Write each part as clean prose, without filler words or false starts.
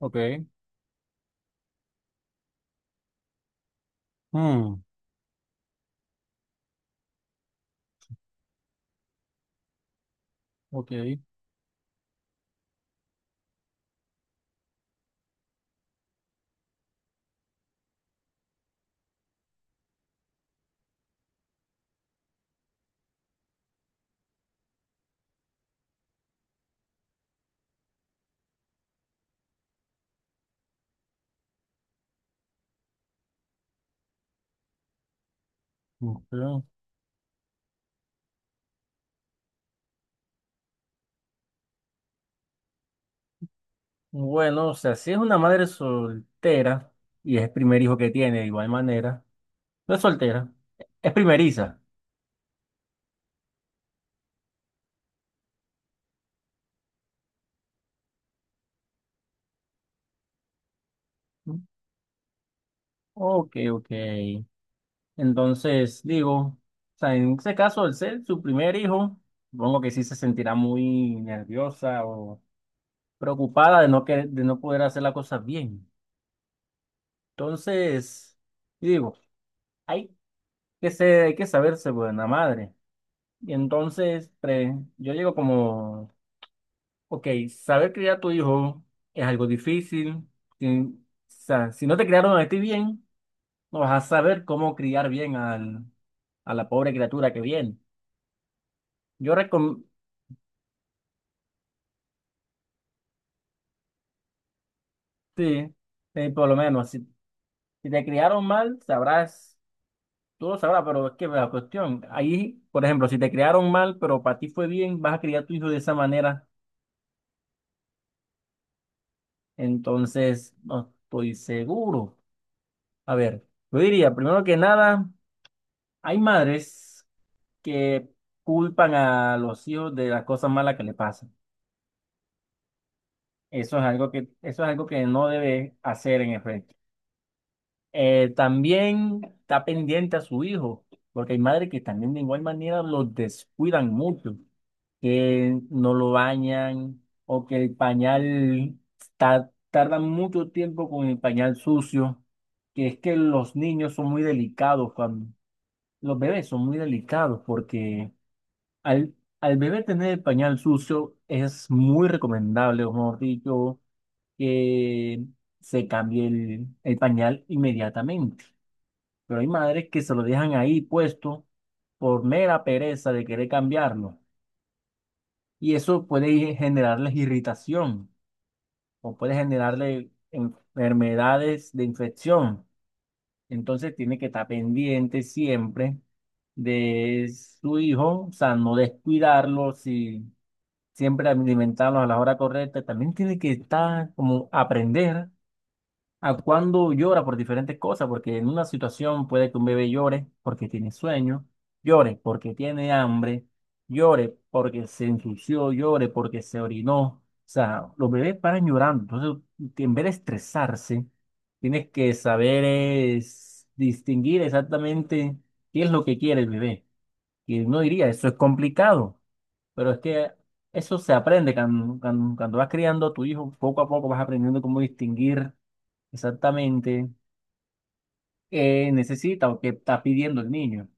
Ok. Mm, ok. Ok. Bueno, o sea, si es una madre soltera y es el primer hijo que tiene, de igual manera, no es soltera, es primeriza. Ok, ok. Entonces, digo, o sea, en ese caso, al ser su primer hijo, supongo que sí se sentirá muy nerviosa o preocupada de no, que, de no poder hacer las cosas bien. Entonces, digo, hay que ser, hay que saberse buena madre. Y entonces, yo llego como, ok, saber criar a tu hijo es algo difícil. Si, o sea, si no te criaron a ti bien, no vas a saber cómo criar bien al, a la pobre criatura que viene. Yo recomiendo, sí, sí, por lo menos, si, si te criaron mal, sabrás, tú lo sabrás, pero es que la cuestión, ahí, por ejemplo, si te criaron mal, pero para ti fue bien, vas a criar a tu hijo de esa manera, entonces no estoy seguro. A ver, yo diría, primero que nada, hay madres que culpan a los hijos de las cosas malas que le pasan. Eso es algo que, eso es algo que no debe hacer en efecto. También está pendiente a su hijo, porque hay madres que también de igual manera los descuidan mucho, que no lo bañan o que el pañal tardan mucho tiempo con el pañal sucio, que es que los niños son muy delicados cuando los bebés son muy delicados porque al, al bebé tener el pañal sucio, es muy recomendable, o mejor dicho, que se cambie el pañal inmediatamente. Pero hay madres que se lo dejan ahí puesto por mera pereza de querer cambiarlo. Y eso puede generarles irritación o puede generarle enfermedades de infección. Entonces tiene que estar pendiente siempre de su hijo, o sea, no descuidarlo si siempre alimentarlos a la hora correcta, también tiene que estar como aprender a cuándo llora por diferentes cosas, porque en una situación puede que un bebé llore porque tiene sueño, llore porque tiene hambre, llore porque se ensució, llore porque se orinó. O sea, los bebés paran llorando, entonces en vez de estresarse, tienes que saber es distinguir exactamente qué es lo que quiere el bebé. Y uno diría, eso es complicado. Pero es que eso se aprende cuando vas criando a tu hijo, poco a poco vas aprendiendo cómo distinguir exactamente qué necesita o qué está pidiendo el niño.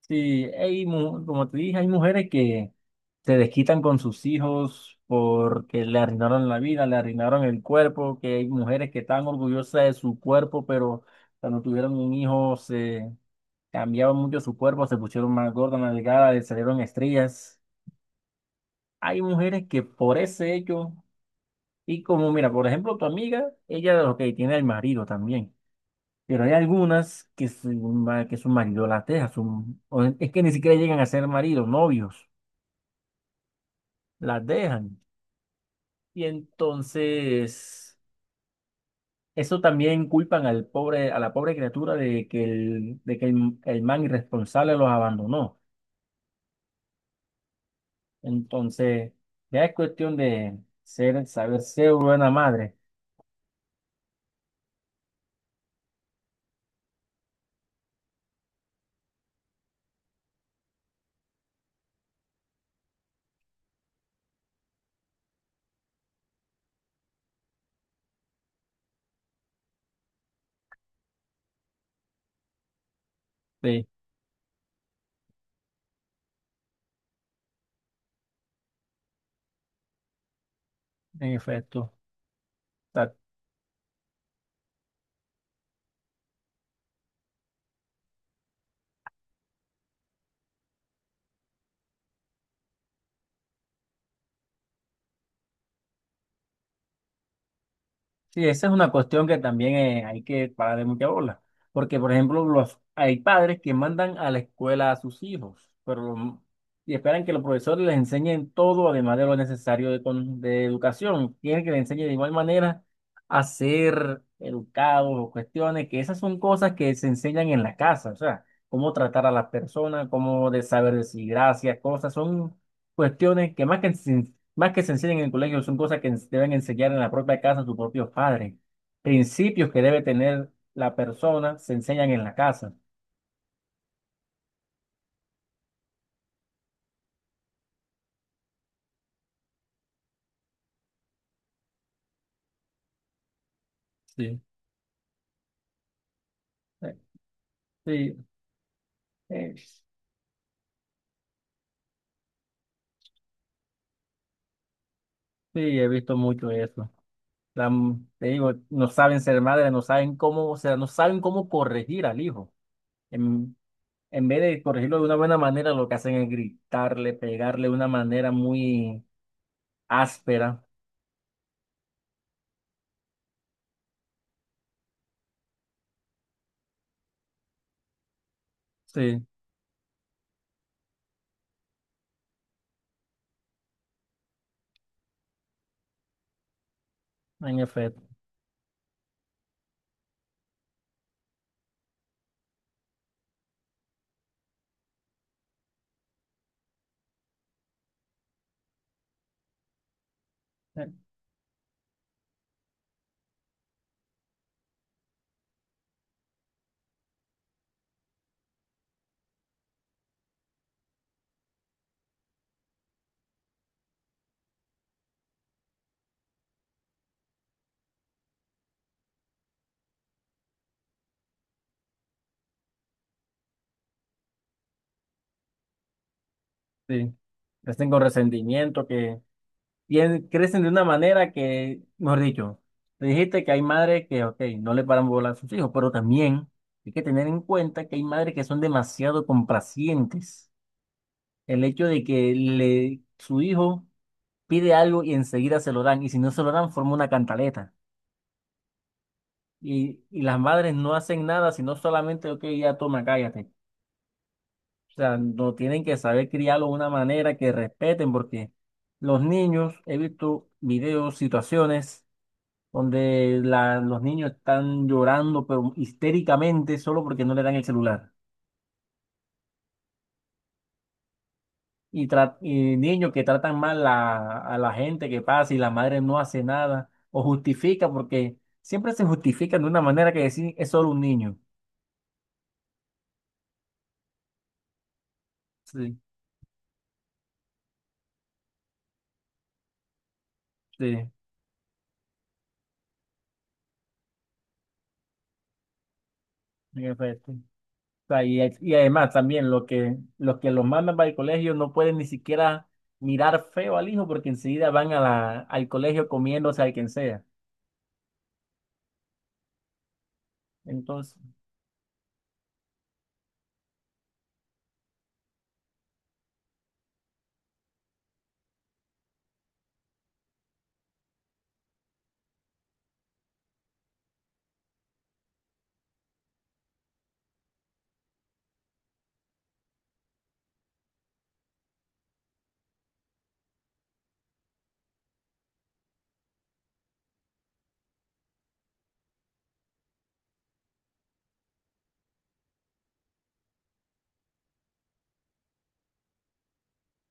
Sí, hay, como te dije, hay mujeres que se desquitan con sus hijos porque le arruinaron la vida, le arruinaron el cuerpo, que hay mujeres que están orgullosas de su cuerpo, pero cuando tuvieron un hijo se cambiaban mucho su cuerpo, se pusieron más gorda más delgada le salieron estrellas. Hay mujeres que por ese hecho y como, mira, por ejemplo, tu amiga, ella, ok, tiene el marido también, pero hay algunas que que su marido las deja, o es que ni siquiera llegan a ser maridos, novios, las dejan. Y entonces, eso también culpan al pobre, a la pobre criatura de que el man irresponsable los abandonó. Entonces, ya es cuestión de ser, saber ser buena madre. Sí, en efecto. Sí, esa es una cuestión que también hay que parar de mucha bola, porque por ejemplo los, hay padres que mandan a la escuela a sus hijos, y esperan que los profesores les enseñen todo, además de lo necesario de, de educación. Quieren que les enseñe de igual manera a ser educados o cuestiones, que esas son cosas que se enseñan en la casa, o sea, cómo tratar a las personas, cómo de saber decir gracias, cosas, son cuestiones que más que se enseñan en el colegio, son cosas que deben enseñar en la propia casa a sus propios padres. Principios que debe tener la persona se enseñan en la casa. Sí, eh, sí, sí, he visto mucho eso. Te digo, no saben ser madres, no saben cómo, o sea, no saben cómo corregir al hijo. En, en vez de corregirlo de una buena manera, lo que hacen es gritarle, pegarle de una manera muy áspera. Sí, en efecto. Eh, Sí. Estén con resentimiento, que crecen de una manera que, mejor dicho, te dijiste que hay madres que, ok, no le paran bola a sus hijos, pero también hay que tener en cuenta que hay madres que son demasiado complacientes. El hecho de que le, su hijo pide algo y enseguida se lo dan, y si no se lo dan, forma una cantaleta. Y las madres no hacen nada, sino solamente, ok, ya toma, cállate. O sea, no tienen que saber criarlo de una manera que respeten, porque los niños, he visto videos, situaciones donde los niños están llorando, pero histéricamente, solo porque no le dan el celular. Y, y niños que tratan mal a la gente que pasa y la madre no hace nada, o justifica, porque siempre se justifican de una manera que decir, es solo un niño. Sí, sí, en efecto. O sea, y además también los que, los que los mandan para el colegio no pueden ni siquiera mirar feo al hijo porque enseguida van a la, al colegio comiéndose al quien sea. Entonces,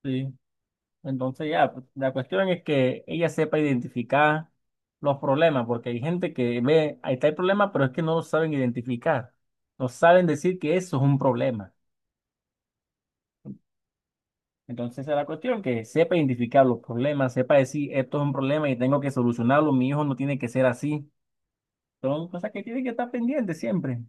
sí. Entonces ya, pues, la cuestión es que ella sepa identificar los problemas, porque hay gente que ve, ahí está el problema, pero es que no lo saben identificar, no saben decir que eso es un problema. Entonces esa es la cuestión, que sepa identificar los problemas, sepa decir, esto es un problema y tengo que solucionarlo, mi hijo no tiene que ser así. Son cosas que tienen que estar pendientes siempre.